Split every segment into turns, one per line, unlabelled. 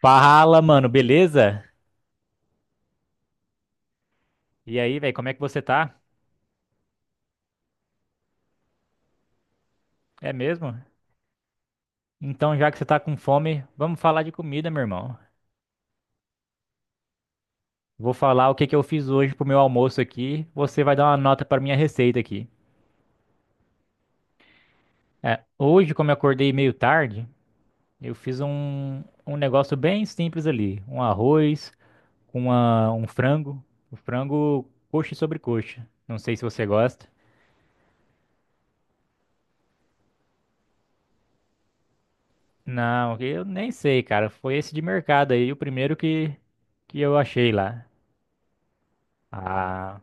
Fala, mano, beleza? E aí, velho, como é que você tá? É mesmo? Então, já que você tá com fome, vamos falar de comida, meu irmão. Vou falar o que que eu fiz hoje pro meu almoço aqui. Você vai dar uma nota pra minha receita aqui. É, hoje, como eu acordei meio tarde, eu fiz um negócio bem simples ali. Um arroz com um frango. O frango coxa sobre coxa. Não sei se você gosta. Não, eu nem sei, cara. Foi esse de mercado aí, o primeiro que eu achei lá. Ah.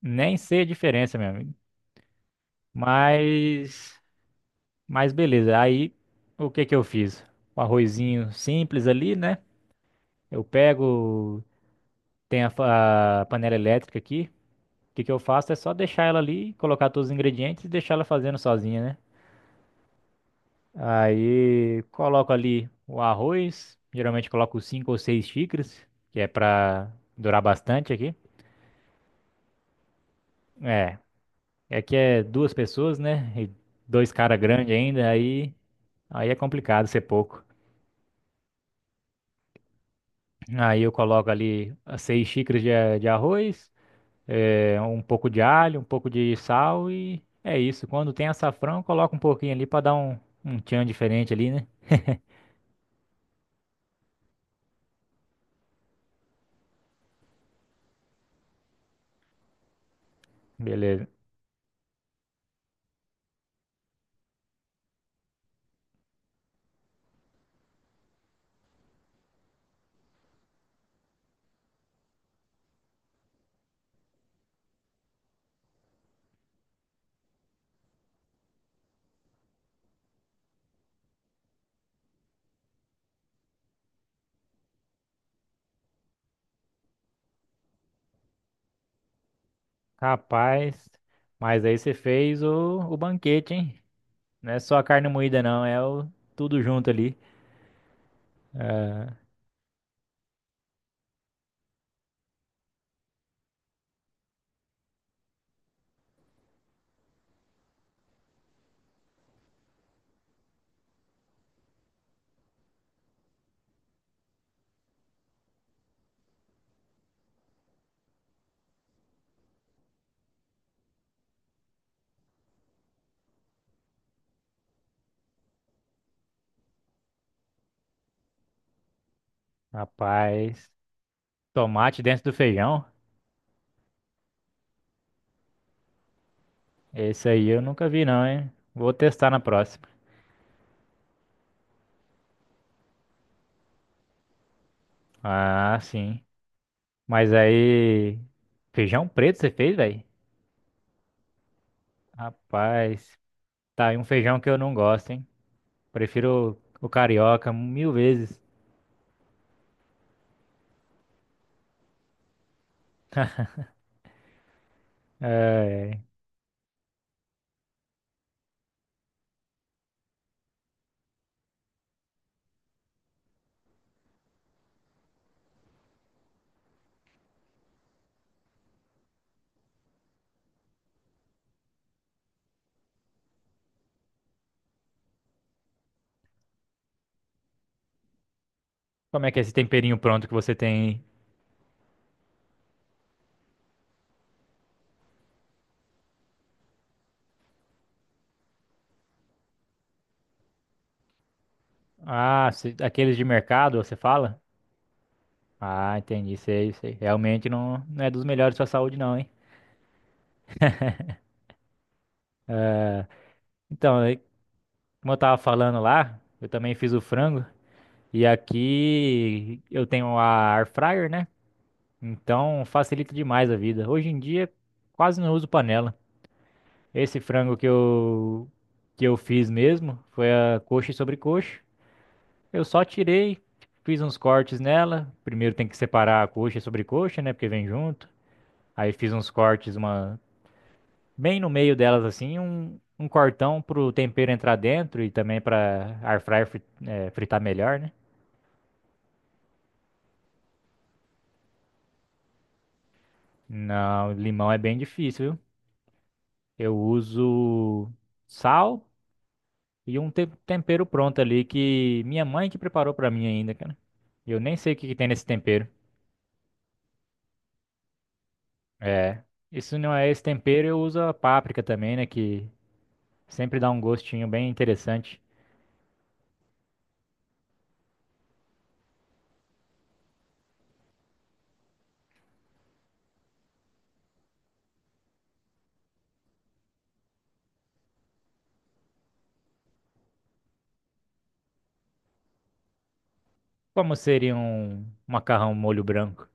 Nem sei a diferença, meu amigo. Mas, mas beleza. Aí, o que que eu fiz? Um arrozinho simples ali, né? Eu pego, tem a panela elétrica aqui. O que que eu faço é só deixar ela ali, colocar todos os ingredientes e deixar ela fazendo sozinha, né? Aí, coloco ali o arroz. Geralmente coloco 5 ou 6 xícaras, que é pra durar bastante aqui. É. É que é duas pessoas, né? E dois caras grandes ainda, aí é complicado ser pouco. Aí eu coloco ali as 6 xícaras de arroz, é, um pouco de alho, um pouco de sal e é isso. Quando tem açafrão, coloca um pouquinho ali pra dar um, um tchan diferente ali, né? Beleza. Rapaz, mas aí você fez o banquete, hein? Não é só a carne moída, não, é o tudo junto ali. Rapaz, tomate dentro do feijão. Esse aí eu nunca vi não, hein? Vou testar na próxima. Ah, sim. Mas aí, feijão preto você fez, velho? Rapaz, tá aí um feijão que eu não gosto, hein? Prefiro o carioca 1000 vezes. É, como é que é esse temperinho pronto que você tem aí? Ah, aqueles de mercado, você fala? Ah, entendi, sei, sei. Realmente não, não é dos melhores pra saúde não, hein? Então, aí, como eu tava falando lá, eu também fiz o frango. E aqui eu tenho a air fryer, né? Então facilita demais a vida. Hoje em dia quase não uso panela. Esse frango que eu fiz mesmo foi a coxa e sobrecoxa. Eu só tirei, fiz uns cortes nela. Primeiro tem que separar a coxa e sobrecoxa, né, porque vem junto. Aí fiz uns cortes uma bem no meio delas assim, um cortão pro tempero entrar dentro e também para air fryer fritar melhor, né? Não, limão é bem difícil, viu? Eu uso sal e um tempero pronto ali que minha mãe que preparou pra mim ainda, cara. Eu nem sei o que que tem nesse tempero. É. Isso não é esse tempero, eu uso a páprica também, né? Que sempre dá um gostinho bem interessante. Como seria um macarrão molho branco?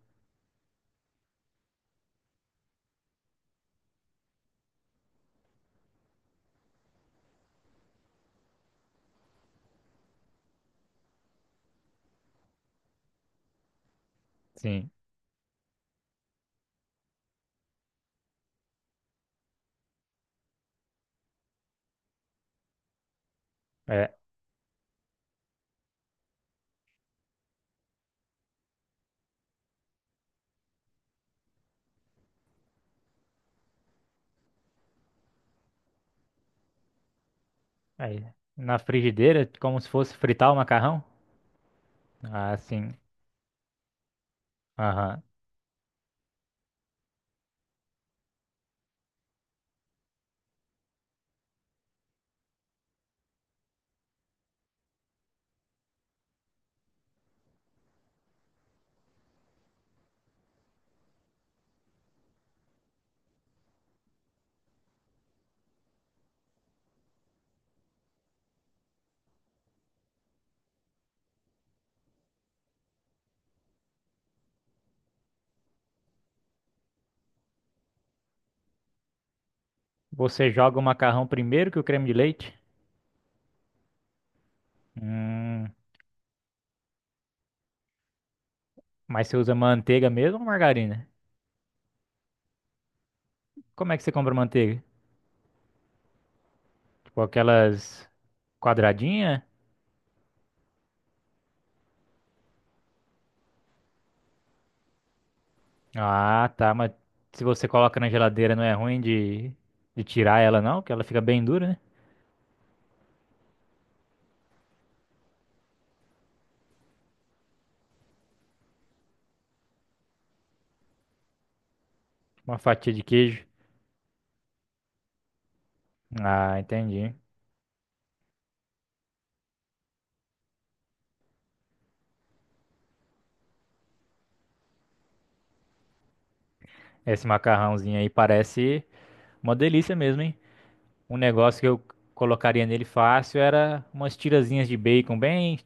Sim. É. Aí, na frigideira, como se fosse fritar o macarrão? Ah, sim. Aham. Você joga o macarrão primeiro que o creme de leite? Hum. Mas você usa manteiga mesmo ou margarina? Como é que você compra manteiga? Com aquelas quadradinha? Ah, tá, mas se você coloca na geladeira não é ruim de tirar ela não, que ela fica bem dura, né? Uma fatia de queijo. Ah, entendi. Esse macarrãozinho aí parece uma delícia mesmo, hein? Um negócio que eu colocaria nele fácil era umas tirazinhas de bacon bem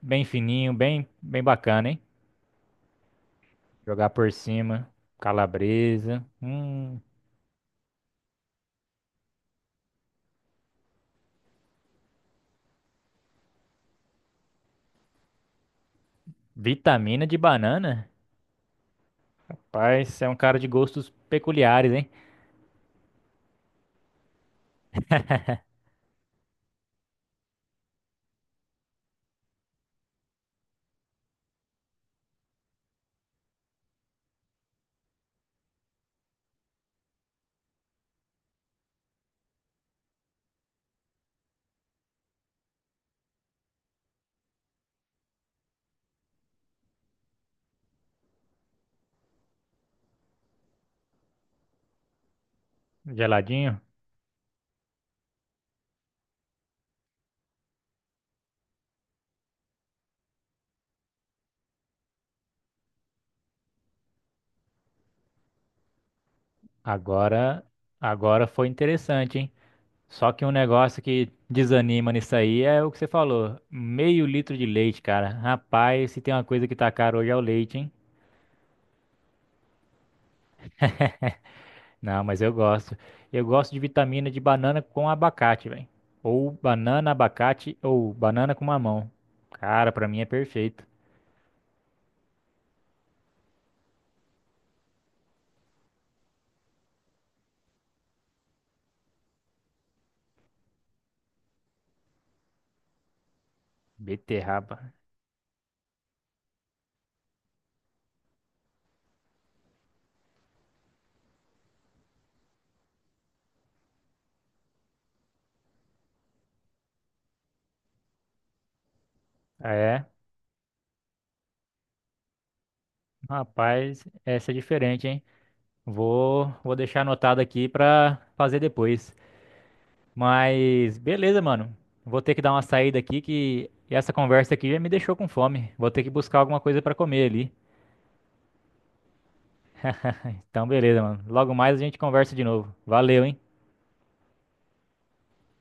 bem fininho, bem bem bacana, hein? Jogar por cima, calabresa, vitamina de banana. Rapaz, você é um cara de gostos peculiares, hein? Geladinho? Agora, agora foi interessante, hein? Só que um negócio que desanima nisso aí é o que você falou. Meio litro de leite, cara. Rapaz, se tem uma coisa que tá caro hoje é o leite, hein? Não, mas eu gosto. Eu gosto de vitamina de banana com abacate, velho. Ou banana, abacate, ou banana com mamão. Cara, pra mim é perfeito. Beterraba. É, rapaz, essa é diferente, hein? Vou deixar anotado aqui pra fazer depois. Mas beleza, mano. Vou ter que dar uma saída aqui que essa conversa aqui já me deixou com fome. Vou ter que buscar alguma coisa pra comer ali. Então, beleza, mano. Logo mais a gente conversa de novo. Valeu, hein?